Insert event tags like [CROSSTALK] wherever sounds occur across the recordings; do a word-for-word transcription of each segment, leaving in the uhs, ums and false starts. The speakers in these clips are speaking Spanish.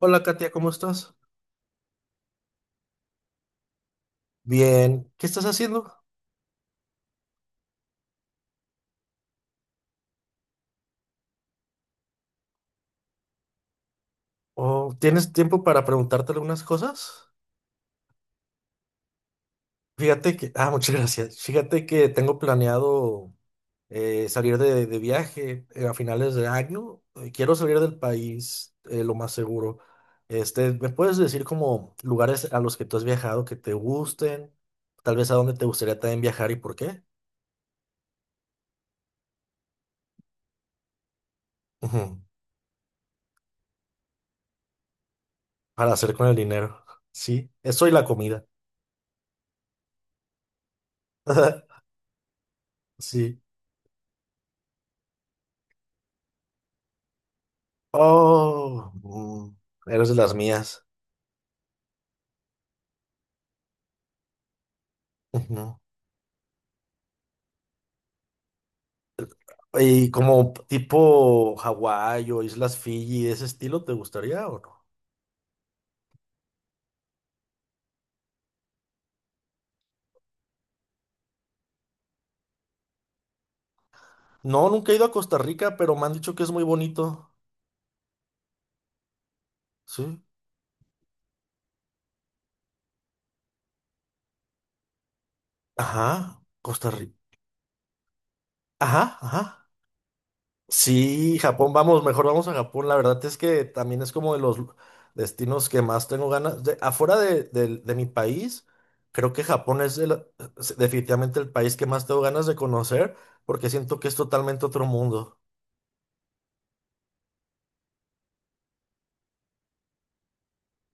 Hola Katia, ¿cómo estás? Bien, ¿qué estás haciendo? ¿O tienes tiempo para preguntarte algunas cosas? Fíjate que, ah, muchas [LAUGHS] gracias. Fíjate que tengo planeado eh, salir de, de viaje eh, a finales de año. Eh, Quiero salir del país eh, lo más seguro. Este, ¿me puedes decir como lugares a los que tú has viajado que te gusten? Tal vez, ¿a dónde te gustaría también viajar y por qué? Ujú, para hacer con el dinero. Sí, eso y la comida. [LAUGHS] Sí. Oh, mm, eres de las mías. Ujú. Y como tipo Hawái o Islas Fiji, ¿ese estilo te gustaría o no? No, nunca he ido a Costa Rica, pero me han dicho que es muy bonito. Sí. Ajá, Costa Rica. Ajá, ajá. Sí, Japón, vamos, mejor vamos a Japón. La verdad es que también es como de los destinos que más tengo ganas. De- afuera de, del- de mi país, creo que Japón es el- es definitivamente el país que más tengo ganas de conocer porque siento que es totalmente otro mundo.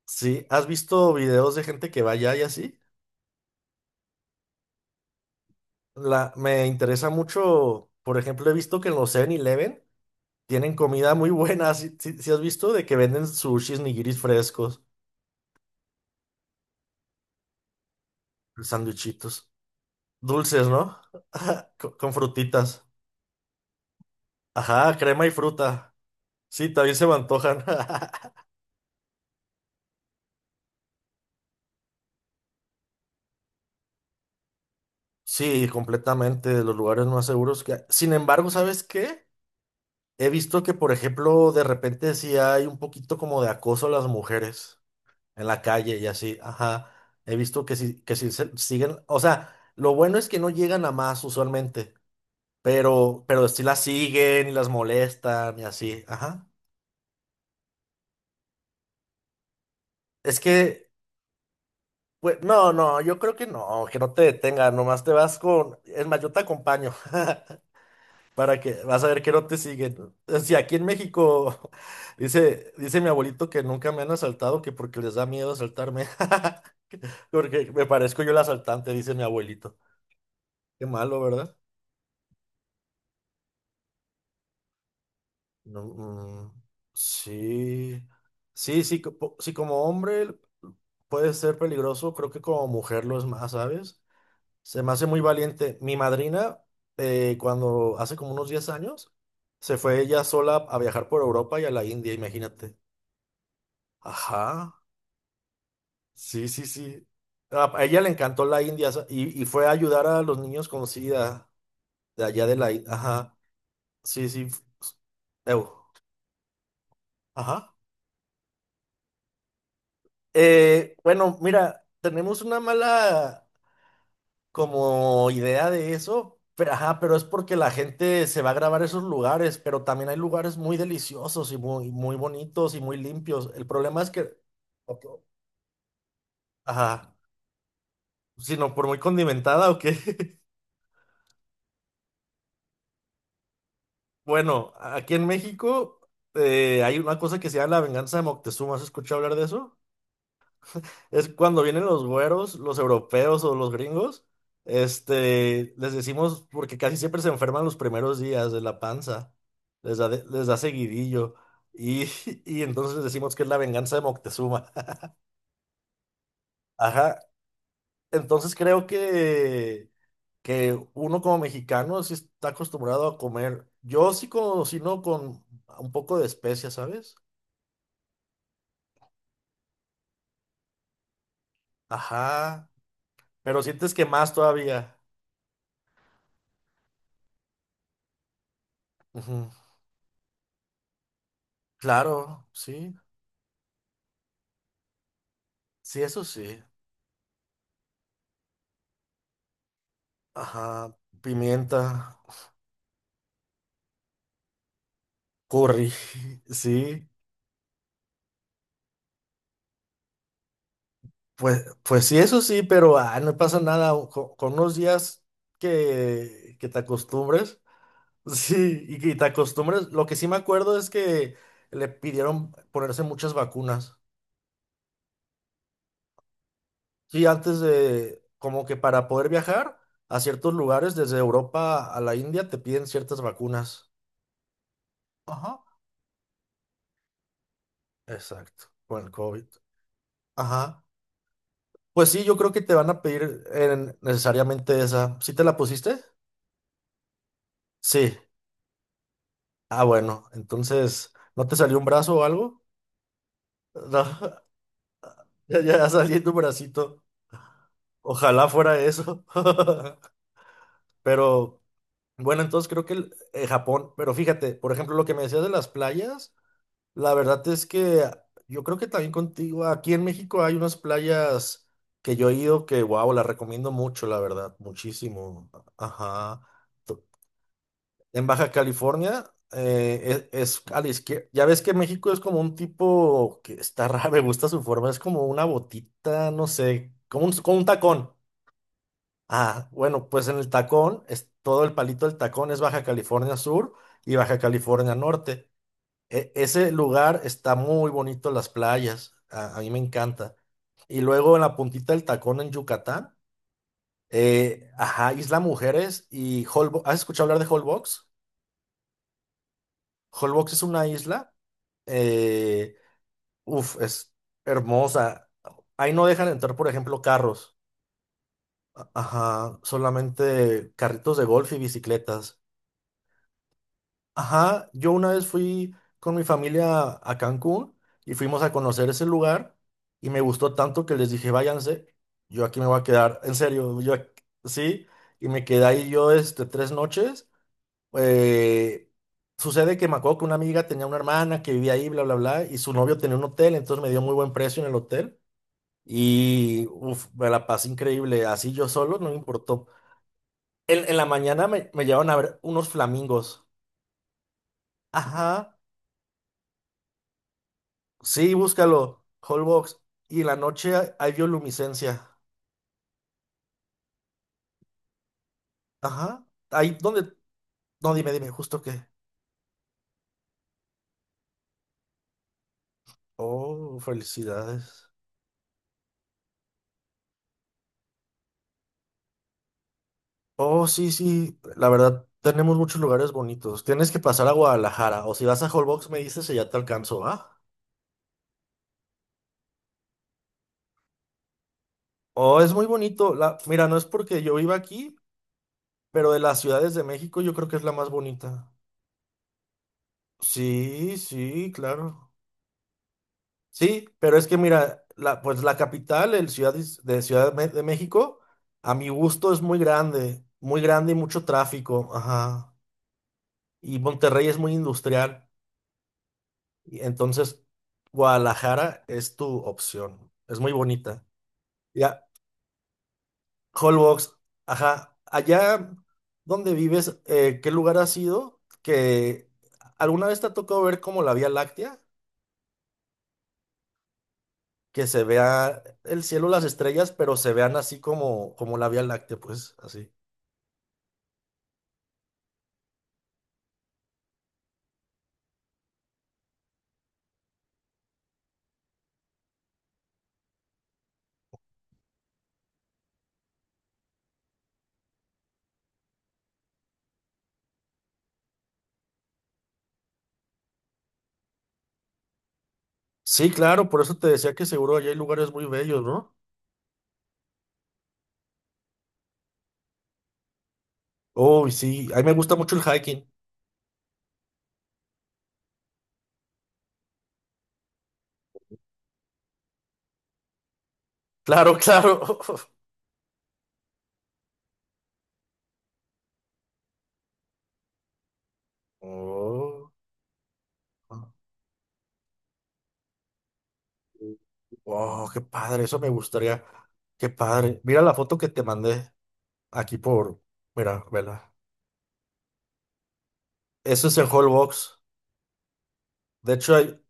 Sí, ¿has visto videos de gente que va allá y así? La, me interesa mucho, por ejemplo, he visto que en los Seven eleven tienen comida muy [LAUGHS] buena. ¿Si has visto de que venden sushis, nigiris frescos, sándwichitos? Dulces, ¿no? [LAUGHS] Con, con frutitas. Ajá, crema y fruta. Sí, también se me antojan. [LAUGHS] Sí, completamente de los lugares más seguros que hay. Sin embargo, ¿sabes qué? He visto que, por ejemplo, de repente sí hay un poquito como de acoso a las mujeres en la calle y así. Ajá. He visto que sí, que sí se- siguen. O sea, lo bueno es que no llegan a más usualmente, pero, pero sí las siguen y las molestan y así. Ajá. Es que, pues, no, no, yo creo que no, que no te detenga, nomás te vas con, es más, yo te acompaño, [LAUGHS] para que, vas a ver que no te siguen. Eh, Si aquí en México, [LAUGHS] dice, dice mi abuelito que nunca me han asaltado, que porque les da miedo asaltarme, [LAUGHS] porque me parezco yo el asaltante, dice mi abuelito. Qué malo, ¿verdad? No, mm, sí, sí, sí, co- po- sí, como hombre puede ser peligroso, creo que como mujer lo es más, ¿sabes? Se me hace muy valiente. Mi madrina, eh, cuando hace como unos diez años, se fue ella sola a viajar por Europa y a la India, imagínate. Ajá, sí, sí, sí. A a ella le encantó la India sa- y, y fue a ayudar a los niños con SIDA de allá de la India. Ajá, sí, sí. f- Ew, ajá. Eh, bueno, mira, tenemos una mala como idea de eso, pero, ajá, pero es porque la gente se va a grabar esos lugares, pero también hay lugares muy deliciosos y muy, muy bonitos y muy limpios. El problema es que, ok, ajá, sino por muy condimentada o qué. [LAUGHS] Bueno, aquí en México eh, hay una cosa que se llama la venganza de Moctezuma. ¿Has escuchado hablar de eso? Es cuando vienen los güeros, los europeos o los gringos, este, les decimos, porque casi siempre se enferman los primeros días de la panza, les da, de- les da seguidillo, y, [LAUGHS] y entonces les decimos que es la venganza de Moctezuma. [LAUGHS] Ajá, entonces creo que, que uno como mexicano sí está acostumbrado a comer, yo sí cocino con un poco de especias, ¿sabes? Ajá, pero sientes que más todavía. Ujú, claro, sí, sí, eso sí. Ajá, pimienta, curry, [LAUGHS] sí, pues, pues sí, eso sí, pero ah, no pasa nada o co- con, unos días que, que te acostumbres, [LAUGHS] sí, y que te acostumbres. Lo que sí me acuerdo es que le pidieron ponerse muchas vacunas, sí, antes de, como que para poder viajar a ciertos lugares, desde Europa a la India, te piden ciertas vacunas. Ajá. Exacto, con el COVID. Ajá. Pues sí, yo creo que te van a pedir eh, necesariamente esa. ¿Sí te la pusiste? Sí. Ah, bueno. Entonces, ¿no te salió un brazo o algo? No, [LAUGHS] ya, ya saliendo un bracito. Ojalá fuera eso. [LAUGHS] Pero bueno, entonces creo que el- eh, Japón. Pero fíjate, por ejemplo, lo que me decías de las playas, la verdad es que ah, yo creo que también contigo, aquí en México hay unas playas que yo he ido que, wow, las recomiendo mucho, la verdad, muchísimo. Ajá. En Baja California eh, es, es a la izquierda. Ya ves que México es como un tipo que está [LAUGHS] raro, me gusta su forma, es como una botita, no sé, como un, como un tacón. Ah, bueno, pues en el tacón, es, todo el palito del tacón es Baja California Sur y Baja California Norte. E- ese lugar está muy bonito, las playas, a, a mí me encanta. Y luego en la puntita del tacón en Yucatán, eh, ajá, Isla Mujeres y Holbox. ¿Has escuchado hablar de Holbox? Holbox es una isla. Eh, Uf, es hermosa. Ahí no dejan entrar, por ejemplo, carros. A- Ajá, solamente carritos de golf y bicicletas. Ajá, yo una vez fui con mi familia a Cancún y fuimos a conocer ese lugar y me gustó tanto que les dije, váyanse, yo aquí me voy a quedar, en serio, yo ac- sí, y me quedé ahí yo este, tres noches. Eh, Sucede que me acuerdo que una amiga tenía una hermana que vivía ahí, bla, bla, bla, y su novio tenía un hotel, entonces me dio muy buen precio en el hotel. Y uf, me la pasé increíble. Así yo solo, no me importó. En, en la mañana me, me llevaron a ver unos flamingos. Ajá. Sí, búscalo. Holbox. Y en la noche hay hay bioluminiscencia. Ajá. Ahí donde. No, dime, dime, justo qué. Oh, felicidades. Oh, sí, sí. La verdad, tenemos muchos lugares bonitos. Tienes que pasar a Guadalajara. O si vas a Holbox, me dices y ya te alcanzo, ¿ah? Oh, es muy bonito. La... Mira, no es porque yo viva aquí. Pero de las ciudades de México yo creo que es la más bonita. Sí, sí, claro. Sí, pero es que mira, la, pues la capital, el ciudad is- de Ciudad Me- de México, a mi gusto es muy grande, muy grande y mucho tráfico, ajá. Y Monterrey es muy industrial, y entonces Guadalajara es tu opción, es muy bonita. Ya, Holbox, ajá. Allá donde vives, eh, ¿qué lugar has ido? ¿Que alguna vez te ha tocado ver como la Vía Láctea? Que se vea el cielo, las estrellas, pero se vean así como, como la Vía Láctea, pues, así. Sí, claro, por eso te decía que seguro allá hay lugares muy bellos, ¿no? Uy, sí, a mí me gusta mucho el hiking. Claro, claro. [LAUGHS] Oh, ah. oh, qué padre, eso me gustaría. Qué padre. Mira la foto que te mandé aquí por, mira, vela. Eso es en Holbox. De hecho, hay,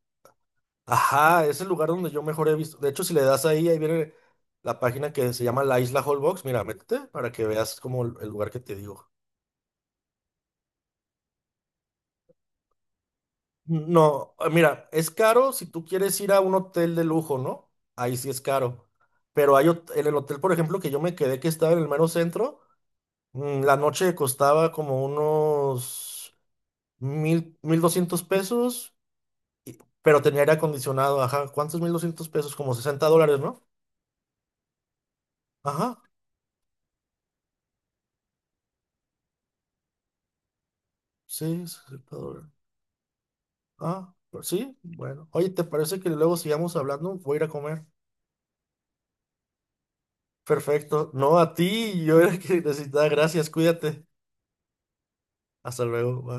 ajá, es el lugar donde yo mejor he visto. De hecho, si le das ahí, ahí viene la página que se llama La Isla Holbox. Mira, métete para que veas como el el lugar que te digo. No, eh, mira, es caro si tú quieres ir a un hotel de lujo, ¿no? Ahí sí es caro. Pero hay hot- en el hotel, por ejemplo, que yo me quedé que estaba en el mero centro, mm, la noche costaba como unos mil, mil doscientos pesos, y- pero tenía aire acondicionado, ajá. ¿Cuántos mil doscientos pesos? Como sesenta dólares, ¿no? Ajá, sí, sesenta dólares. Ah, pues sí, bueno. Oye, ¿te parece que luego sigamos hablando? Voy a ir a comer. Perfecto. No, a ti, yo era el que necesitaba. Gracias, cuídate. Hasta luego. Bye.